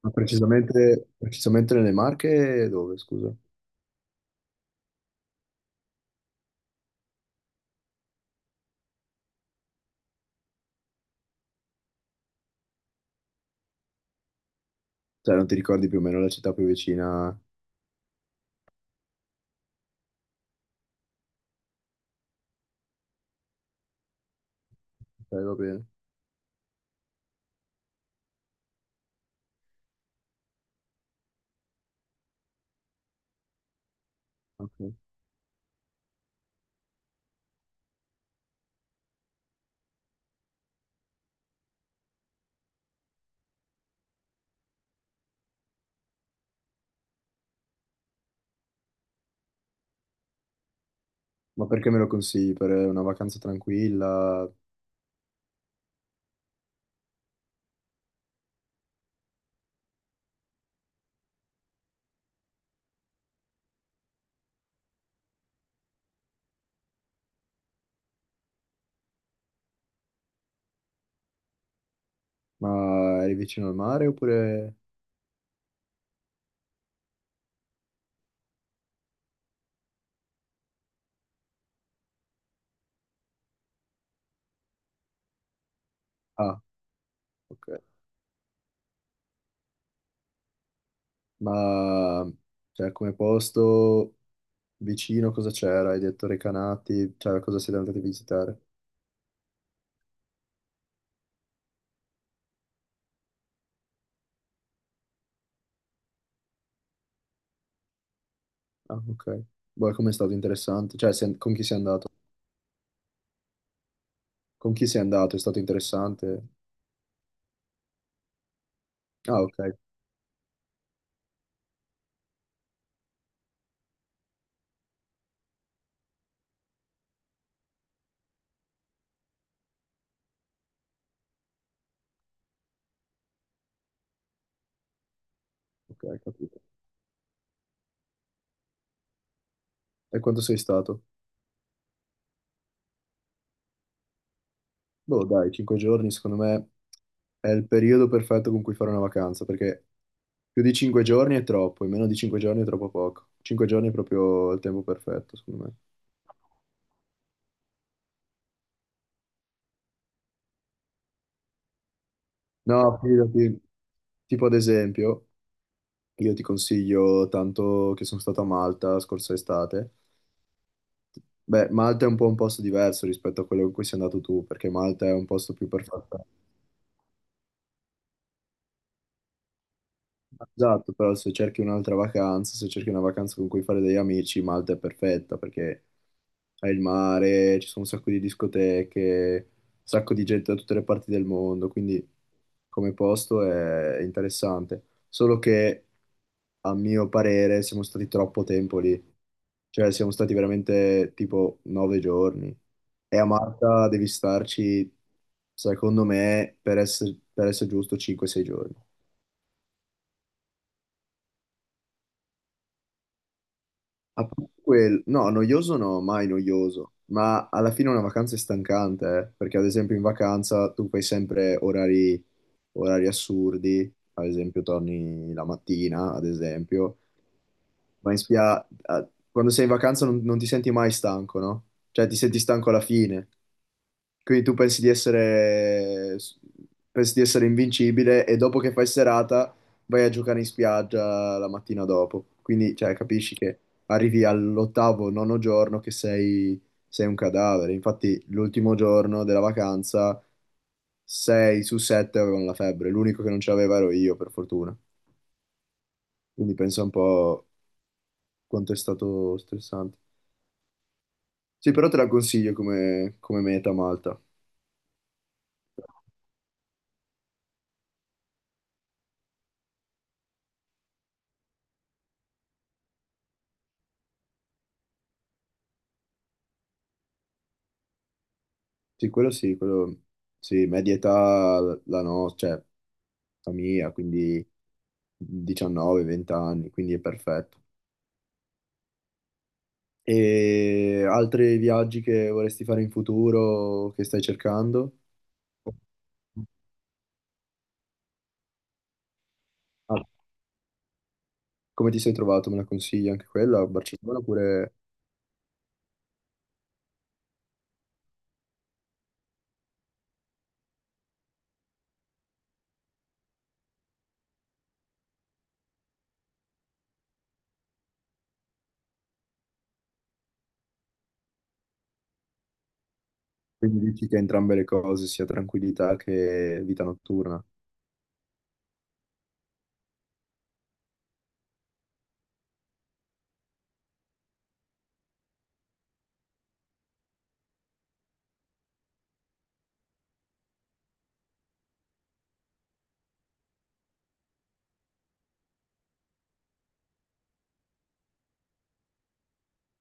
Ma precisamente nelle Marche dove, scusa? Cioè, non ti ricordi più o meno la città più vicina? Ok, va bene. Ok. Ma perché me lo consigli? Per una vacanza tranquilla? Ma eri vicino al mare oppure... Ah, ok. Ma, cioè, come posto vicino cosa c'era? Hai detto Recanati? Cioè, cosa siete andati a visitare? Ah, ok. Boh, com'è stato interessante? Cioè, con chi sei andato? Con chi sei andato? È stato interessante? Ah, ok. Ok, capito. E quanto sei stato? Boh, dai, 5 giorni secondo me è il periodo perfetto con cui fare una vacanza, perché più di 5 giorni è troppo, e meno di 5 giorni è troppo poco. 5 giorni è proprio il tempo perfetto, secondo me. No, fidati. Tipo ad esempio, io ti consiglio tanto che sono stato a Malta scorsa estate. Beh, Malta è un po' un posto diverso rispetto a quello in cui sei andato tu, perché Malta è un posto più perfetto. Esatto, però se cerchi un'altra vacanza, se cerchi una vacanza con cui fare degli amici, Malta è perfetta perché hai il mare, ci sono un sacco di discoteche, un sacco di gente da tutte le parti del mondo, quindi come posto è interessante. Solo che a mio parere siamo stati troppo tempo lì, cioè siamo stati veramente tipo 9 giorni e a Malta devi starci, secondo me, per essere giusto, 5-6 giorni. A parte no, noioso no, mai noioso, ma alla fine una vacanza è stancante, eh. Perché ad esempio in vacanza tu fai sempre orari, orari assurdi, ad esempio torni la mattina, ad esempio, ma quando sei in vacanza non ti senti mai stanco, no? Cioè ti senti stanco alla fine, quindi tu pensi di essere invincibile e dopo che fai serata vai a giocare in spiaggia la mattina dopo. Quindi, cioè, capisci che arrivi all'ottavo, nono giorno che sei un cadavere. Infatti, l'ultimo giorno della vacanza, 6 su 7 avevano la febbre. L'unico che non ce l'aveva ero io, per fortuna. Quindi pensa un po' quanto è stato stressante. Sì, però te la consiglio come meta Malta. Sì, quello sì, quello sì, media età la nostra, cioè la mia, quindi 19-20 anni, quindi è perfetto. E altri viaggi che vorresti fare in futuro, che stai cercando? Ah, come ti sei trovato? Me la consigli anche quella a Barcellona? Oppure quindi dici che entrambe le cose, sia tranquillità che vita notturna,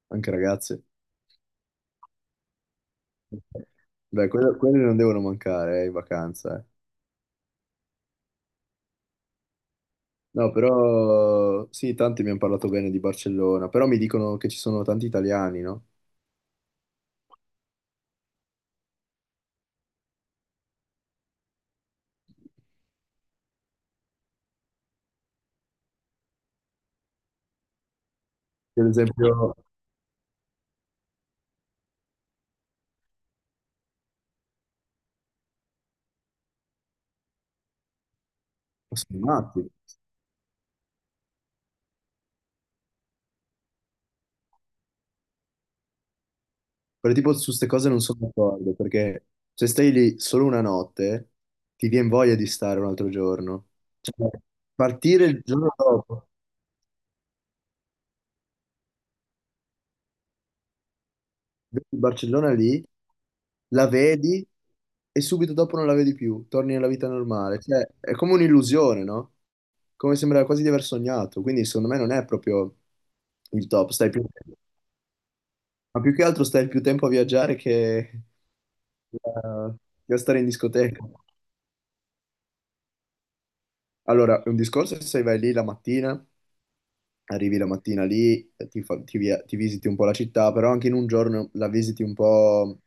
anche ragazze? Beh, quelle non devono mancare, in vacanza, eh. No, però sì, tanti mi hanno parlato bene di Barcellona, però mi dicono che ci sono tanti italiani, no? Per esempio, sono matti. Però tipo su queste cose non sono d'accordo, perché se stai lì solo una notte, ti viene voglia di stare un altro giorno. Cioè, partire il giorno dopo. Vedi il Barcellona lì, la vedi e subito dopo non la vedi più, torni nella vita normale. Cioè, è come un'illusione, no? Come sembra quasi di aver sognato. Quindi, secondo me, non è proprio il top. Stai più... Ma più che altro stai più tempo a viaggiare che, che a che a stare in discoteca. Allora, è un discorso è se vai lì la mattina. Arrivi la mattina lì, ti, fa- ti via- ti visiti un po' la città, però anche in un giorno la visiti un po'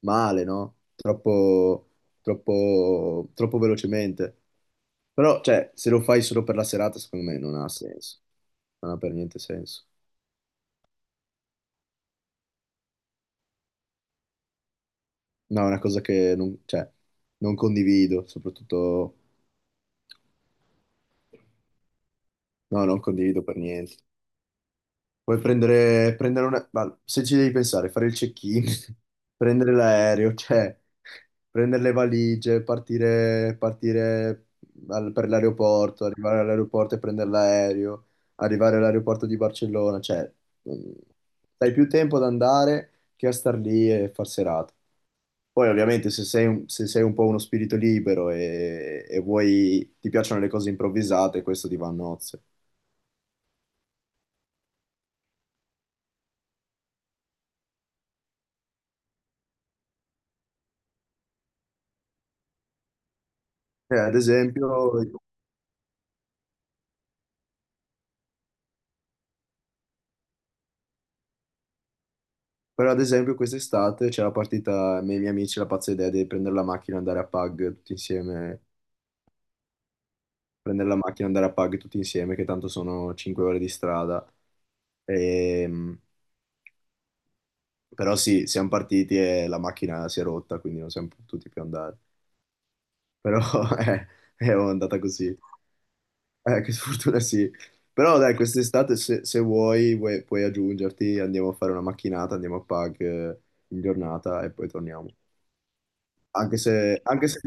male, no? Troppo, troppo, troppo velocemente. Però, cioè, se lo fai solo per la serata, secondo me non ha senso. Non ha per niente senso. No, è una cosa che non, cioè, non condivido, soprattutto... No, non condivido per niente. Puoi prendere una... ma se ci devi pensare, fare il check-in, prendere l'aereo, cioè prendere le valigie, per l'aeroporto, arrivare all'aeroporto e prendere l'aereo, arrivare all'aeroporto di Barcellona, cioè mh, dai più tempo ad andare che a star lì e far serata. Poi ovviamente se sei un po' uno spirito libero e vuoi, ti piacciono le cose improvvisate, questo ti va a nozze. Ad esempio, però ad esempio quest'estate c'è la partita, me e i miei amici la pazza idea di prendere la macchina e andare a Pag tutti insieme, prendere la macchina e andare a Pag tutti insieme, che tanto sono 5 ore di strada. Ehm, però sì, siamo partiti e la macchina si è rotta, quindi non siamo potuti più andare. Però è, è andata così. Che sfortuna sì. Però dai, quest'estate se puoi aggiungerti, andiamo a fare una macchinata, andiamo a Pag, in giornata e poi torniamo. Anche se, anche se-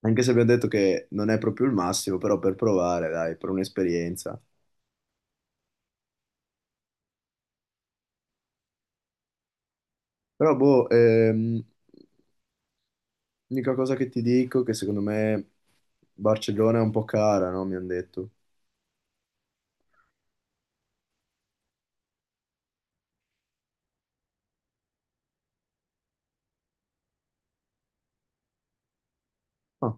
Anche se abbiamo detto che non è proprio il massimo, però per provare, dai, per un'esperienza. Però, boh, l'unica cosa che ti dico è che secondo me Barcellona è un po' cara, no? Mi hanno detto. Ah.